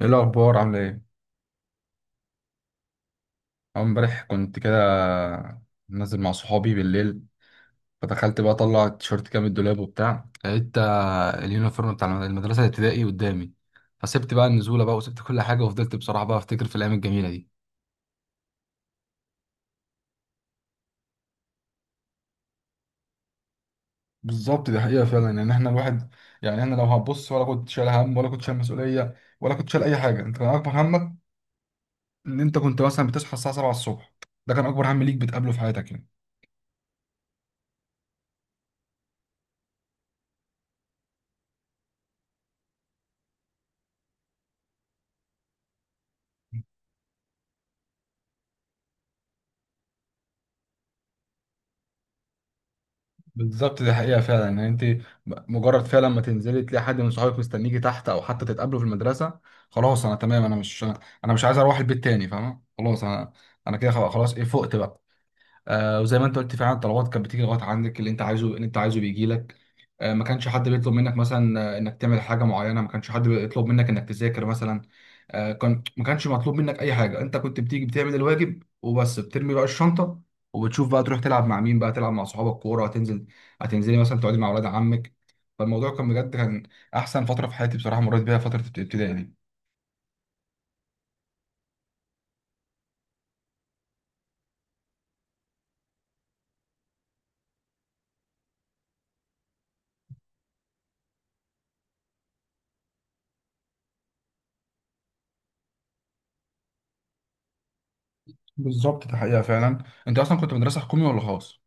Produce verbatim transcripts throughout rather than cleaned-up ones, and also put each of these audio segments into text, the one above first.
ايه الاخبار؟ عامله ايه؟ أول امبارح كنت كده نازل مع صحابي بالليل، فدخلت بقى اطلع التيشيرت كده من الدولاب وبتاع، لقيت آه، اليونيفورم بتاع المدرسه الابتدائي قدامي. فسبت بقى النزوله بقى وسبت كل حاجه، وفضلت بصراحه بقى افتكر في الايام الجميله دي. بالظبط، دي حقيقة فعلا. يعني احنا الواحد، يعني احنا لو هتبص، ولا كنت شايل هم، ولا كنت شايل مسؤولية، ولا كنت شايل أي حاجة. أنت كان أكبر همك إن أنت كنت مثلا بتصحى الساعة سبعه الصبح. ده كان أكبر هم ليك بتقابله في حياتك يعني. بالظبط، دي حقيقة فعلا. يعني انت مجرد فعلا ما تنزلي تلاقي حد من صحابك مستنيكي تحت، او حتى تتقابلوا في المدرسة، خلاص انا تمام. انا مش انا مش عايز اروح البيت تاني، فاهمة؟ خلاص انا، انا كده خلاص. ايه فقت بقى. آه، وزي ما انت قلت، فعلا الطلبات كانت بتيجي لغايه عندك، اللي انت عايزه اللي انت عايزه بيجي لك. آه، ما كانش حد بيطلب منك مثلا آه، انك تعمل حاجه معينه، ما كانش حد بيطلب منك انك تذاكر مثلا. آه، كان ما كانش مطلوب منك اي حاجه، انت كنت بتيجي بتعمل الواجب وبس، بترمي بقى الشنطه وبتشوف بقى تروح تلعب مع مين، بقى تلعب مع صحابك كوره. هتنزل، هتنزلي مثلا تقعدي مع اولاد عمك. فالموضوع كان بجد كان احسن فتره في حياتي بصراحه مريت بيها، فتره الابتدائي دي. بالظبط، ده حقيقه فعلا. انت اصلا كنت مدرسه حكومي ولا خاص؟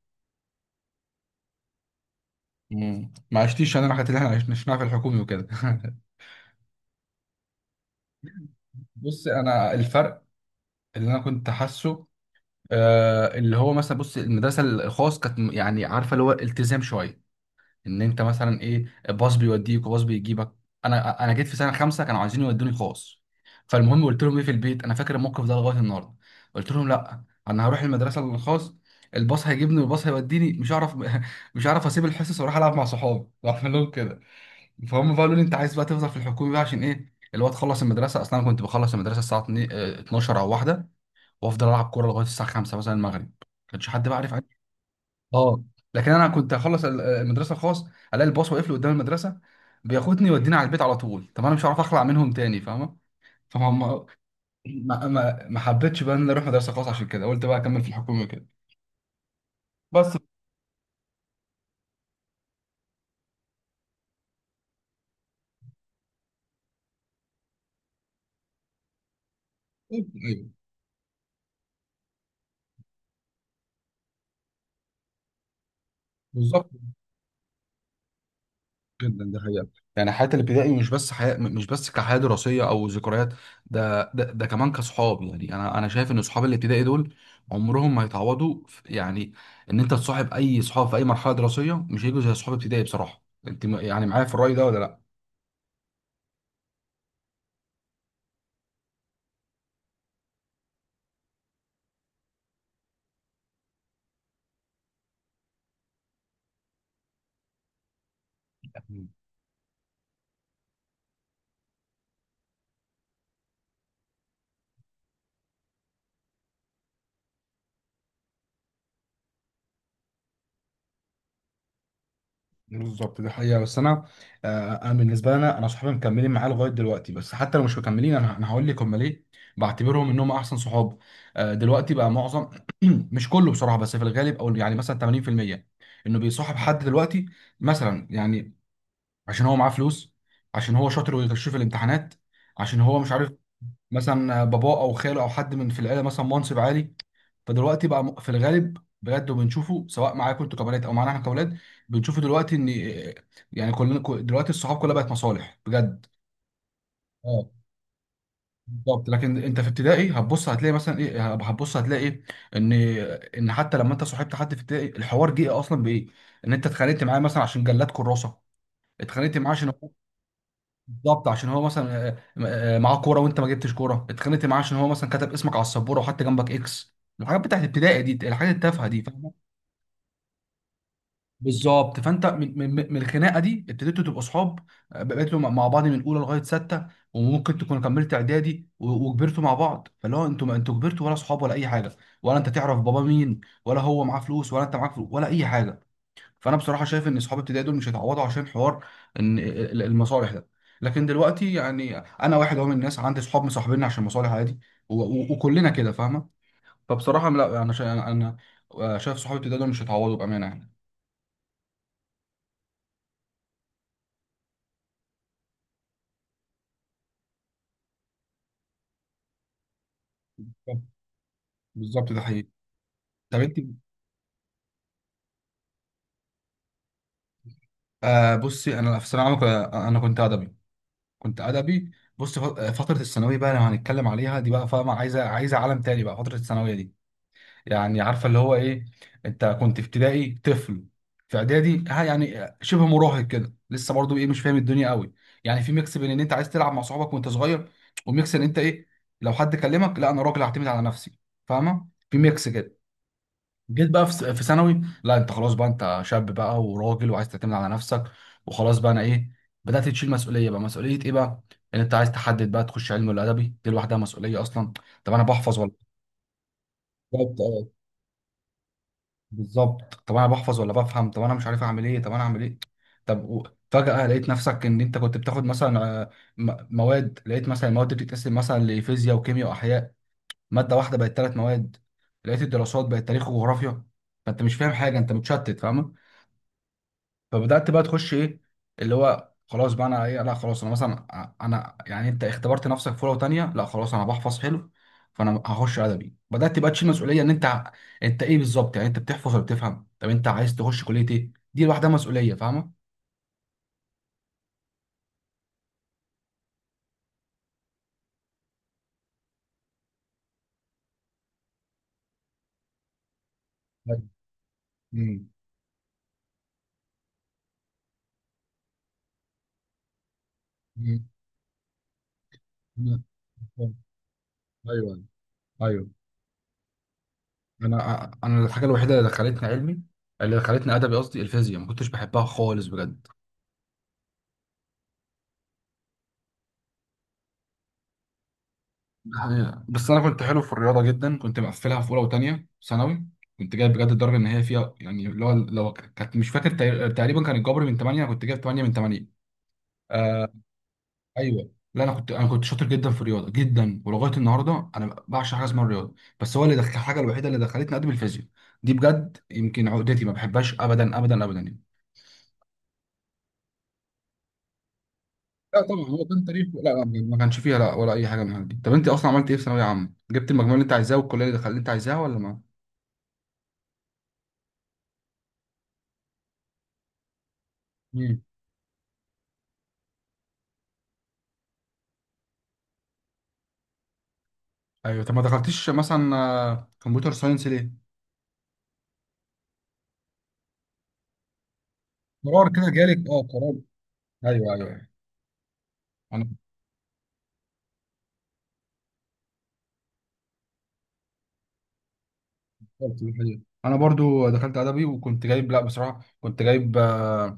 مم. ما عشتيش انا الحاجات اللي احنا عشنا- عشناها في الحكومي وكده بص، انا الفرق اللي انا كنت حاسه، آه، اللي هو مثلا، بص المدرسه الخاص كانت م- يعني عارفه اللي هو التزام شويه. ان انت مثلا ايه، باص بيوديك وباص بيجيبك. انا انا جيت في سنه خمسه كانوا عايزين يودوني خاص. فالمهم قلت لهم ايه في البيت، انا فاكر الموقف ده لغايه النهارده، قلت لهم لا انا هروح المدرسه الخاص، الباص هيجيبني والباص هيوديني، مش هعرف مش هعرف اسيب الحصص واروح العب مع صحابي رحت لهم كده، فهم بقى قالوا لي انت عايز بقى تفضل في الحكومي بقى عشان ايه؟ اللي هو تخلص المدرسه، اصلا أنا كنت بخلص المدرسه الساعه اتنين آه، اتناشر او واحده، وافضل العب كوره لغايه الساعه خمسه مثلا المغرب، ما كانش حد بقى عارف. اه. لكن انا كنت اخلص ال- المدرسه الخاص الاقي الباص واقف لي قدام المدرسه بياخدني يوديني على البيت على طول. طب انا مش هعرف اخلع منهم تاني، فاهمه؟ فهم. ما ما ما حبيتش بقى ان أنا اروح مدرسه خاص، عشان كده قلت بقى اكمل في الحكومه كده بس. ايوه. بالظبط. جدا، ده حقيقة. يعني حياة الابتدائي مش بس حياة، مش بس كحياة دراسية أو ذكريات، ده ده, ده كمان كصحاب. يعني أنا، أنا شايف إن صحاب الابتدائي دول عمرهم ما يتعوضوا في- يعني إن أنت تصاحب أي صحاب في أي مرحلة دراسية مش هيجوا زي صحاب ابتدائي بصراحة. أنت م- يعني معايا في الرأي ده ولا لأ؟ بالظبط، دي حقيقة. بس أنا، آه، أنا بالنسبة لي أنا أنا صحابي مكملين معايا لغاية دلوقتي، بس حتى لو مش مكملين أنا أنا هقول لك هم ليه بعتبرهم إنهم أحسن صحاب. آه، دلوقتي بقى معظم مش كله بصراحة، بس في الغالب أو يعني مثلا ثمانين في المية إنه بيصاحب حد دلوقتي مثلا. يعني عشان هو معاه فلوس، عشان هو شاطر ويغش في الامتحانات، عشان هو مش عارف، مثلا باباه أو خاله أو حد من في العيلة مثلا منصب عالي. فدلوقتي بقى م- في الغالب بجد، وبنشوفه سواء معاكم انتوا كبنات او معانا احنا كاولاد، بنشوفه دلوقتي ان، يعني كلنا، كل- دلوقتي الصحاب كلها بقت مصالح بجد. اه. بالظبط. لكن انت في ابتدائي هتبص هتلاقي مثلا ايه، هتبص هتلاقي ايه، ان، ان حتى لما انت صاحبت حد في ابتدائي، الحوار جه اصلا بايه؟ ان انت اتخانقت معاه مثلا عشان جلاد كراسه، اتخانقت معاه عشان هو، بالظبط، عشان هو مثلا آه، آه، معاه كوره وانت ما جبتش كوره، اتخانقت معاه عشان هو مثلا كتب اسمك على السبوره وحط جنبك اكس. الحاجات بتاعت ابتدائي دي، الحاجات التافهه دي. بالظبط. فانت من, من, من الخناقه دي ابتديتوا تبقوا اصحاب، بقيتوا مع مع بعض من اولى لغايه سته، وممكن تكونوا كملت اعدادي و- وكبرتوا مع بعض. فاللي هو انتوا، ما انتوا كبرتوا ولا اصحاب ولا اي حاجه، ولا انت تعرف بابا مين ولا هو معاه فلوس ولا انت معاك فلوس ولا اي حاجه. فانا بصراحه شايف ان اصحاب ابتدائي دول مش هيتعوضوا عشان حوار ان ال- المصالح ده. لكن دلوقتي، يعني انا واحد اهو من الناس عندي اصحاب مصاحبيني عشان مصالح، عادي، و- و- وكلنا كده فاهمه. فبصراحه لا انا شا- انا أنا شايف صحابي ابتدائي دول مش هيتعوضوا بامانه يعني. بالظبط، ده حقيقي. طب انت، آه، بصي انا في ثانويه عامه ك- انا كنت ادبي، كنت ادبي. بص، فت- فتره الثانويه بقى لو هنتكلم عليها دي بقى، فاهمه؟ عايزه، عايزه عالم تاني بقى فتره الثانويه دي. يعني عارفه اللي هو ايه، انت كنت في ابتدائي طفل، في اعدادي ها يعني شبه مراهق كده، لسه برضو ايه، مش فاهم الدنيا قوي. يعني في ميكس بين ان انت عايز تلعب مع صحابك وانت صغير، وميكس ان انت ايه، لو حد كلمك لا انا راجل هعتمد على نفسي، فاهمه؟ في ميكس كده. جيت بقى في س- في ثانوي، لا انت خلاص بقى، انت شاب بقى وراجل وعايز تعتمد على نفسك، وخلاص بقى انا ايه، بدأت تشيل مسؤوليه بقى. مسؤوليه ايه بقى؟ ان انت عايز تحدد بقى تخش علم ولا ادبي، دي لوحدها مسؤوليه اصلا، طب انا بحفظ ولا، بالظبط، اه، بالظبط. طب انا بحفظ ولا بفهم؟ طب انا مش عارف اعمل ايه، طب انا اعمل ايه؟ طب و- فجأة لقيت نفسك ان انت كنت بتاخد مثلا، آه، م- مواد، لقيت مثلا المواد دي بتتقسم مثلا لفيزياء وكيمياء واحياء، ماده واحده بقت ثلاث مواد. لقيت الدراسات بقت تاريخ وجغرافيا، فانت مش فاهم حاجه، انت متشتت، فاهم؟ فبدات بقى تخش ايه، اللي هو خلاص بقى انا ايه، لا خلاص انا مثلا ع- انا يعني انت اختبرت نفسك في لغه تانيه، لا خلاص انا بحفظ حلو فانا هخش ادبي. بدات بقى تشيل مسؤوليه ان انت ع- انت ايه بالظبط، يعني انت بتحفظ ولا بتفهم؟ طب انت عايز تخش كليه ايه؟ دي لوحدها مسؤوليه، فاهمه؟ ايوه. مم. مم. مم. ايوه، ايوه. انا، انا الحاجه الوحيده اللي دخلتني علمي، اللي دخلتني ادبي قصدي، الفيزياء، ما كنتش بحبها خالص بجد. ده حقيقة. بس انا كنت حلو في الرياضه جدا، كنت مقفلها في اولى وثانيه ثانوي. كنت جايب بجد الدرجه ان هي فيها، يعني اللي هو لو كانت، مش فاكر تق- تقريبا كان الجبر من تمانيه كنت جايب تمانيه من تمانيه. آه. ايوه، لا انا كنت انا كنت شاطر جدا في الرياضه جدا، ولغايه النهارده انا بعشق حاجه اسمها الرياضه. بس هو اللي دخل، الحاجه الوحيده اللي دخلتني ادب الفيزياء دي بجد، يمكن عقدتي، ما بحبهاش ابدا ابدا ابدا يعني. لا طبعا، هو كان تاريخ، لا لا ما كانش فيها لا ولا اي حاجه من الحاجات دي. طب انت اصلا عملت ايه في ثانويه عامه؟ جبت المجموع اللي انت عايزاه والكليه اللي دخلت اللي انت عايزاها ولا ما، ايوه. طب ما دخلتيش مثلا آه، كمبيوتر ساينس ليه؟ قرار كده جالك، اه قرار. ايوه، ايوه، أيوة. انا فكرت في الحاجة دي. انا برضو دخلت ادبي وكنت جايب، لا بصراحه كنت جايب، آه،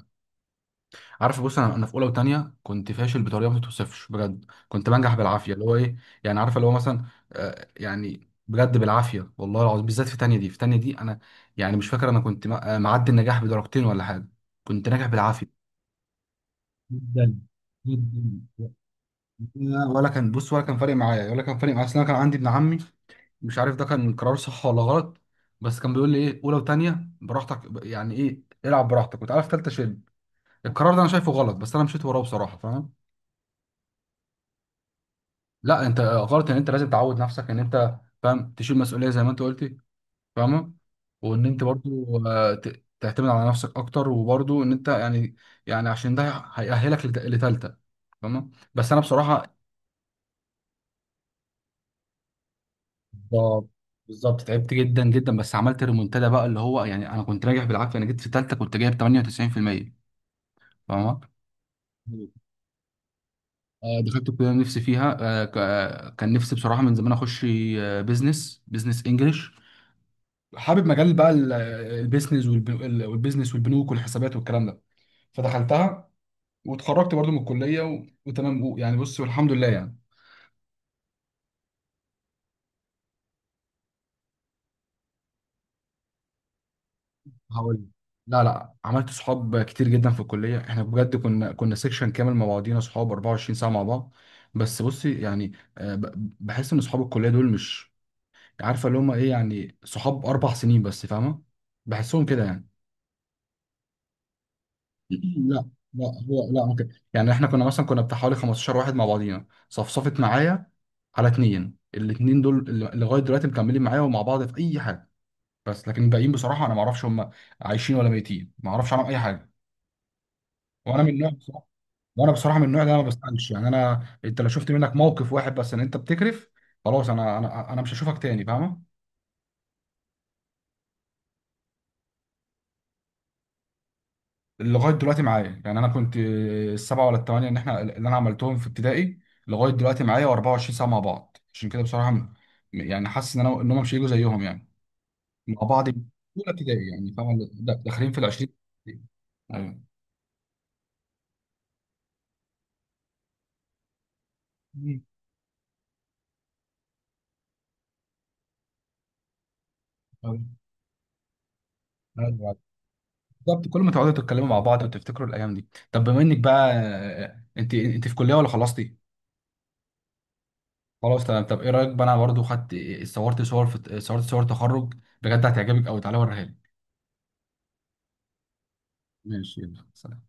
عارف بص انا انا في اولى وثانيه كنت فاشل بطريقه ما تتوصفش بجد، كنت بنجح بالعافيه، اللي هو ايه، يعني عارف اللي هو مثلا، آه، يعني بجد بالعافيه والله العظيم، بالذات في ثانيه دي، في ثانيه دي انا يعني مش فاكر انا كنت م- آه، معدي النجاح بدرجتين ولا حاجه، كنت ناجح بالعافيه. جدا، جدا. لا، ولا كان بص ولا كان فارق معايا، ولا كان فارق معايا، اصل انا كان عندي ابن عمي، مش عارف ده كان قرار صح ولا غلط، بس كان بيقول لي ايه، اولى وثانيه براحتك، يعني ايه، العب براحتك وتعالى في ثالثه شيل. القرار ده انا شايفه غلط، بس انا مشيت وراه بصراحه، فاهم؟ لا انت غلط، ان انت لازم تعود نفسك ان انت، فاهم، تشيل مسؤوليه زي ما انت قلتي، فاهمه؟ وان انت برضو آه، ت- تعتمد على نفسك اكتر، وبرضو ان انت يعني، يعني عشان ده هيأهلك لثالثه، فاهمه؟ بس انا بصراحه، بالظبط، بالظبط تعبت جدا جدا، بس عملت ريمونتادا بقى، اللي هو يعني انا كنت راجع بالعافيه، انا جيت في ثالثه كنت جايب ثمانية وتسعين في المية، فاهمه؟ آه، دخلت الكليه اللي نفسي فيها. آه، ك- آه، كان نفسي بصراحه من زمان اخش، آه، بيزنس، بيزنس انجلش. حابب مجال بقى ال- آه، البيزنس والب- ال- والبيزنس والبنوك والحسابات والكلام ده، فدخلتها، واتخرجت برضو من الكليه و- وتمام يعني، بص والحمد لله يعني. هقول، لا لا، عملت صحاب كتير جدا في الكليه، احنا بجد كنا كنا سيكشن كامل مع بعضينا صحاب اربعه وعشرين ساعه مع بعض، بس بصي يعني، آه، ب- بحس ان صحاب الكليه دول مش، عارفه اللي هم ايه، يعني صحاب اربع سنين بس، فاهمه؟ بحسهم كده يعني. لا لا، هو لا ممكن يعني احنا كنا مثلا، كنا بتاع حوالي خمستاشر واحد مع بعضينا، صفصفت معايا على اتنين، الاتنين دول اللي لغايه دلوقتي مكملين معايا ومع بعض في اي حاجه، بس لكن الباقيين بصراحه انا ما اعرفش هم عايشين ولا ميتين، ما اعرفش عنهم اي حاجه. وانا من النوع بصراحه وانا بصراحه من النوع ده، انا ما بسالش يعني، انا انت لو شفت منك موقف واحد بس ان انت بتكرف، خلاص انا انا انا مش هشوفك تاني، فاهمه؟ لغايه دلوقتي معايا يعني، انا كنت السبعه ولا الثمانيه ان احنا اللي انا عملتهم في ابتدائي لغايه دلوقتي معايا و24 ساعه مع بعض، عشان كده بصراحه م- يعني حاسس ان انا ان هم مش هيجوا زيهم يعني، مع بعض من اولى ابتدائي يعني، فاهمه؟ د- داخلين في ال عشرين. ايوه. مم. أيوة. بالظبط. كل ما تقعدوا تتكلموا مع بعض وتفتكروا الايام دي. طب بما انك بقى، انت انت في كليه ولا خلصتي؟ خلاص تمام. طب ايه رايك بقى، انا برضو خدت، صورت صور في، صورت صور تخرج بجد هتعجبك قوي، تعالى اوريها لك. ماشي يلا سلام.